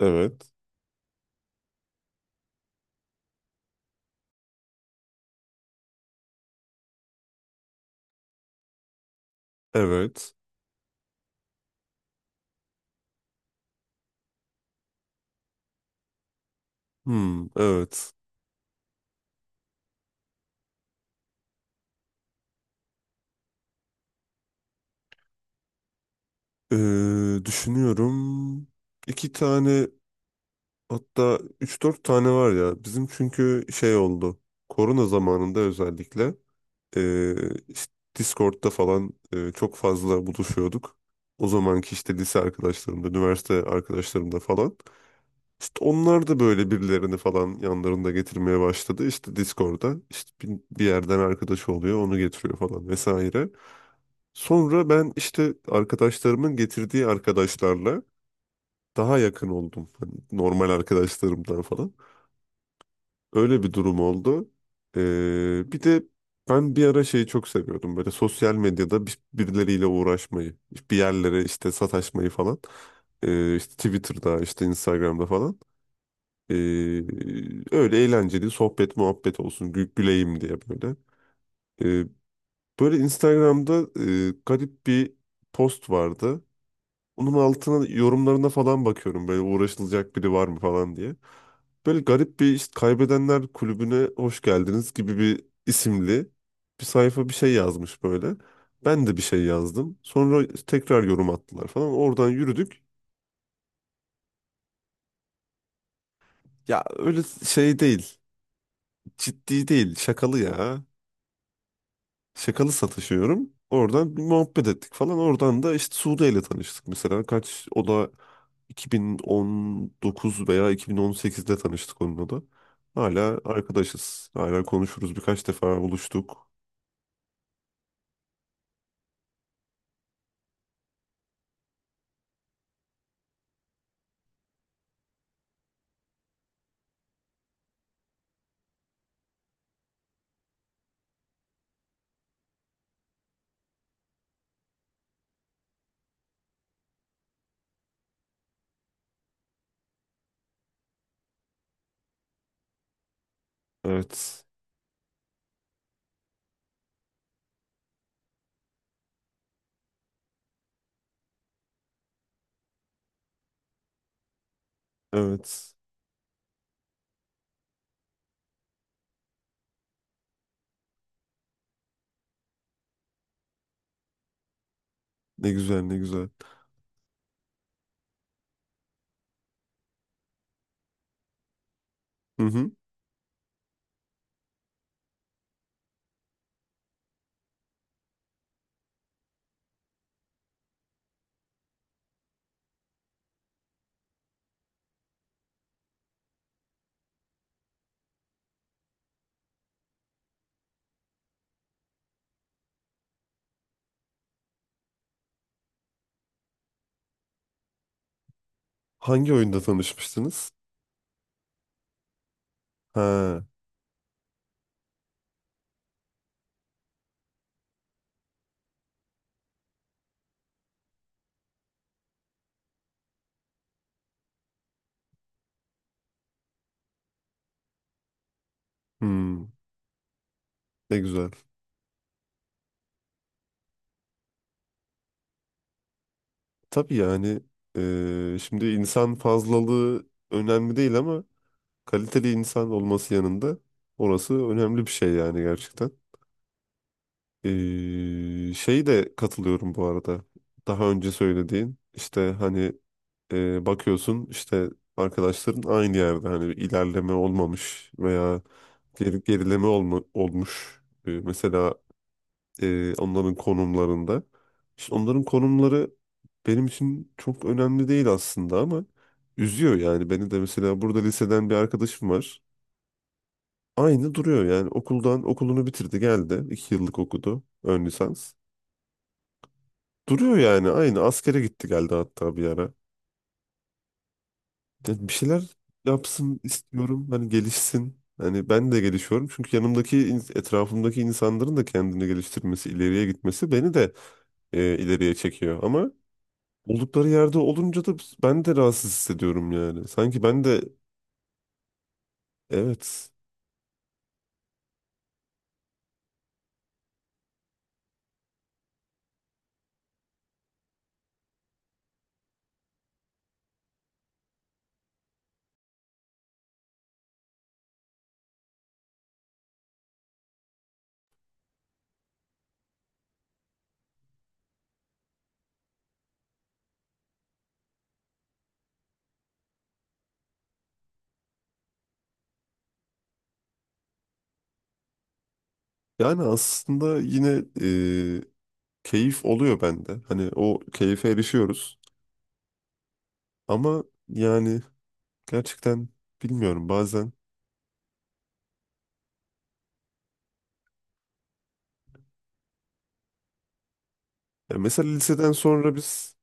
Evet. Evet. Evet. Düşünüyorum. İki tane hatta üç dört tane var ya. Bizim çünkü şey oldu. Korona zamanında özellikle ee, işte Discord'da falan çok fazla buluşuyorduk. O zamanki işte lise arkadaşlarımda, üniversite arkadaşlarımda falan. İşte onlar da böyle birilerini falan yanlarında getirmeye başladı. İşte Discord'da işte bir yerden arkadaşı oluyor, onu getiriyor falan vesaire. Sonra ben işte arkadaşlarımın getirdiği arkadaşlarla daha yakın oldum. Hani normal arkadaşlarımdan falan. Öyle bir durum oldu. Bir de ben bir ara şeyi çok seviyordum. Böyle sosyal medyada birileriyle uğraşmayı, bir yerlere işte sataşmayı falan. İşte Twitter'da, işte Instagram'da falan. Ee, Öyle eğlenceli sohbet muhabbet olsun, güleyim diye böyle. Ee, Böyle Instagram'da garip bir post vardı. Onun altına yorumlarına falan bakıyorum böyle uğraşılacak biri var mı falan diye. Böyle garip bir işte kaybedenler kulübüne hoş geldiniz gibi bir isimli bir sayfa bir şey yazmış böyle. Ben de bir şey yazdım. Sonra tekrar yorum attılar falan. Oradan yürüdük. Ya öyle şey değil. Ciddi değil. Şakalı ya. Şakalı satışıyorum. Oradan bir muhabbet ettik falan. Oradan da işte Sude ile tanıştık mesela. Kaç o da 2019 veya 2018'de tanıştık onunla da. Hala arkadaşız. Hala konuşuruz. Birkaç defa buluştuk. Evet. Evet. Ne güzel, ne güzel. Hı hı. Hangi oyunda tanışmıştınız? Ha. Hmm. Ne güzel. Tabii yani şimdi insan fazlalığı önemli değil ama kaliteli insan olması yanında orası önemli bir şey yani gerçekten. Ee, Şey de katılıyorum bu arada. Daha önce söylediğin işte hani bakıyorsun işte arkadaşların aynı yerde hani bir ilerleme olmamış veya gerileme olmuş. Mesela onların konumlarında. İşte onların konumları benim için çok önemli değil aslında ama üzüyor yani beni de mesela burada liseden bir arkadaşım var. Aynı duruyor yani okuldan okulunu bitirdi geldi. İki yıllık okudu ön lisans. Duruyor yani aynı askere gitti geldi hatta bir ara. Ya bir şeyler yapsın istiyorum hani gelişsin. Hani ben de gelişiyorum çünkü yanımdaki etrafımdaki insanların da kendini geliştirmesi, ileriye gitmesi beni de ileriye çekiyor. Ama oldukları yerde olunca da ben de rahatsız hissediyorum yani. Sanki ben de evet yani aslında yine e, keyif oluyor bende. Hani o keyfe erişiyoruz ama yani gerçekten bilmiyorum bazen. Ya mesela liseden sonra biz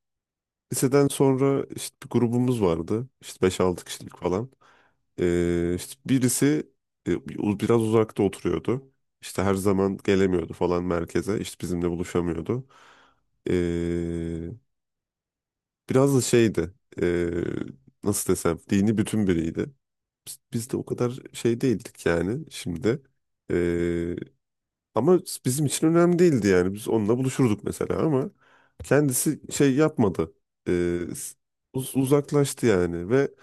Liseden sonra işte bir grubumuz vardı. İşte beş altı kişilik falan. İşte birisi biraz uzakta oturuyordu. İşte her zaman gelemiyordu falan merkeze. İşte bizimle buluşamıyordu. Ee, Biraz da şeydi. e, Nasıl desem, dini bütün biriydi. Biz de o kadar şey değildik yani şimdi. E, ama bizim için önemli değildi yani. Biz onunla buluşurduk mesela ama kendisi şey yapmadı. Ee, Uzaklaştı yani ve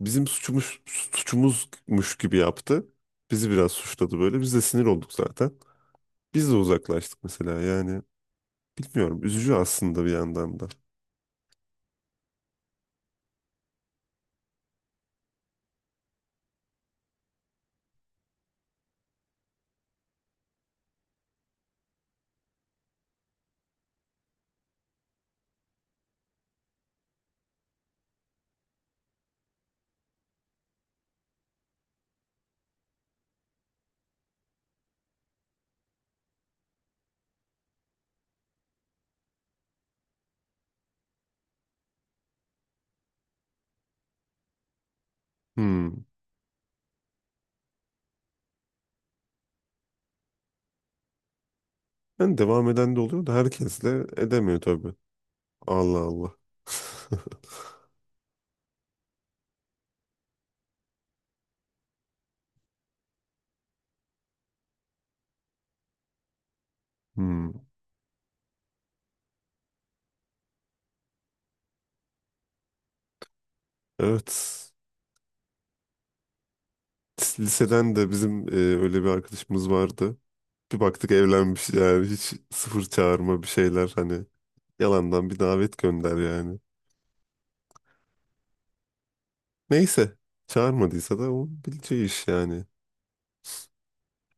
bizim suçumuzmuş gibi yaptı. Bizi biraz suçladı böyle. Biz de sinir olduk zaten. Biz de uzaklaştık mesela yani. Bilmiyorum. Üzücü aslında bir yandan da. Hmm. Yani devam eden de oluyor da herkes de edemiyor tabii. Allah Allah. Hmm. Evet. Liseden de bizim öyle bir arkadaşımız vardı. Bir baktık evlenmiş yani hiç sıfır çağırma bir şeyler hani yalandan bir davet gönder yani. Neyse, çağırmadıysa da o bileceği iş yani.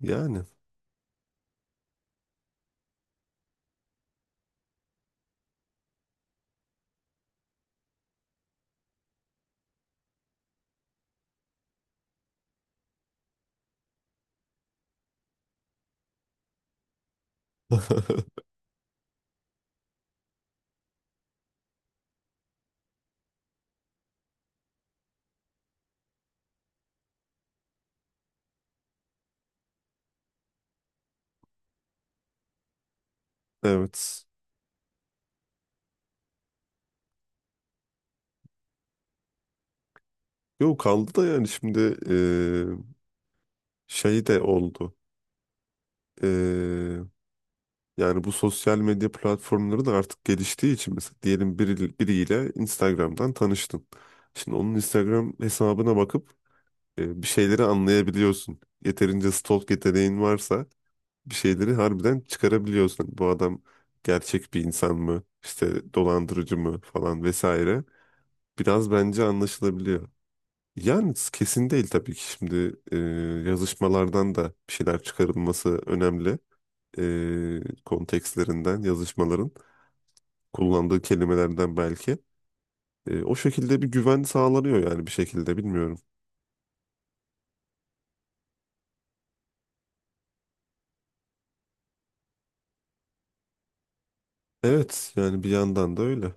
Yani evet. Yok, kaldı da yani şimdi eee, şey de oldu. Eee, Yani bu sosyal medya platformları da artık geliştiği için mesela diyelim biriyle Instagram'dan tanıştın. Şimdi onun Instagram hesabına bakıp bir şeyleri anlayabiliyorsun. Yeterince stalk yeteneğin varsa bir şeyleri harbiden çıkarabiliyorsun. Bu adam gerçek bir insan mı? İşte dolandırıcı mı falan vesaire. Biraz bence anlaşılabiliyor. Yani kesin değil tabii ki şimdi yazışmalardan da bir şeyler çıkarılması önemli. Kontekstlerinden, yazışmaların kullandığı kelimelerden belki. O şekilde bir güven sağlanıyor yani bir şekilde bilmiyorum. Evet, yani bir yandan da öyle.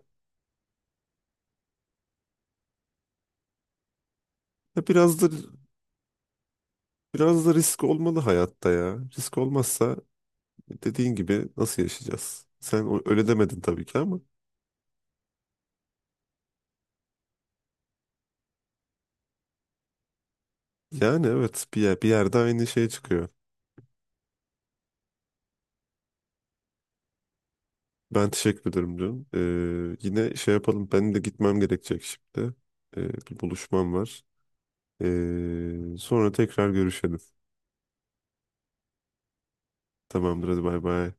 Biraz da biraz da risk olmalı hayatta ya. Risk olmazsa, dediğin gibi nasıl yaşayacağız? Öyle demedin tabii ki ama yani evet, bir yerde aynı şey çıkıyor. Ben teşekkür ederim diyorum. Yine şey yapalım. Benim de gitmem gerekecek şimdi. Bir buluşmam var. Sonra tekrar görüşelim. Tamamdır, hadi bay bay.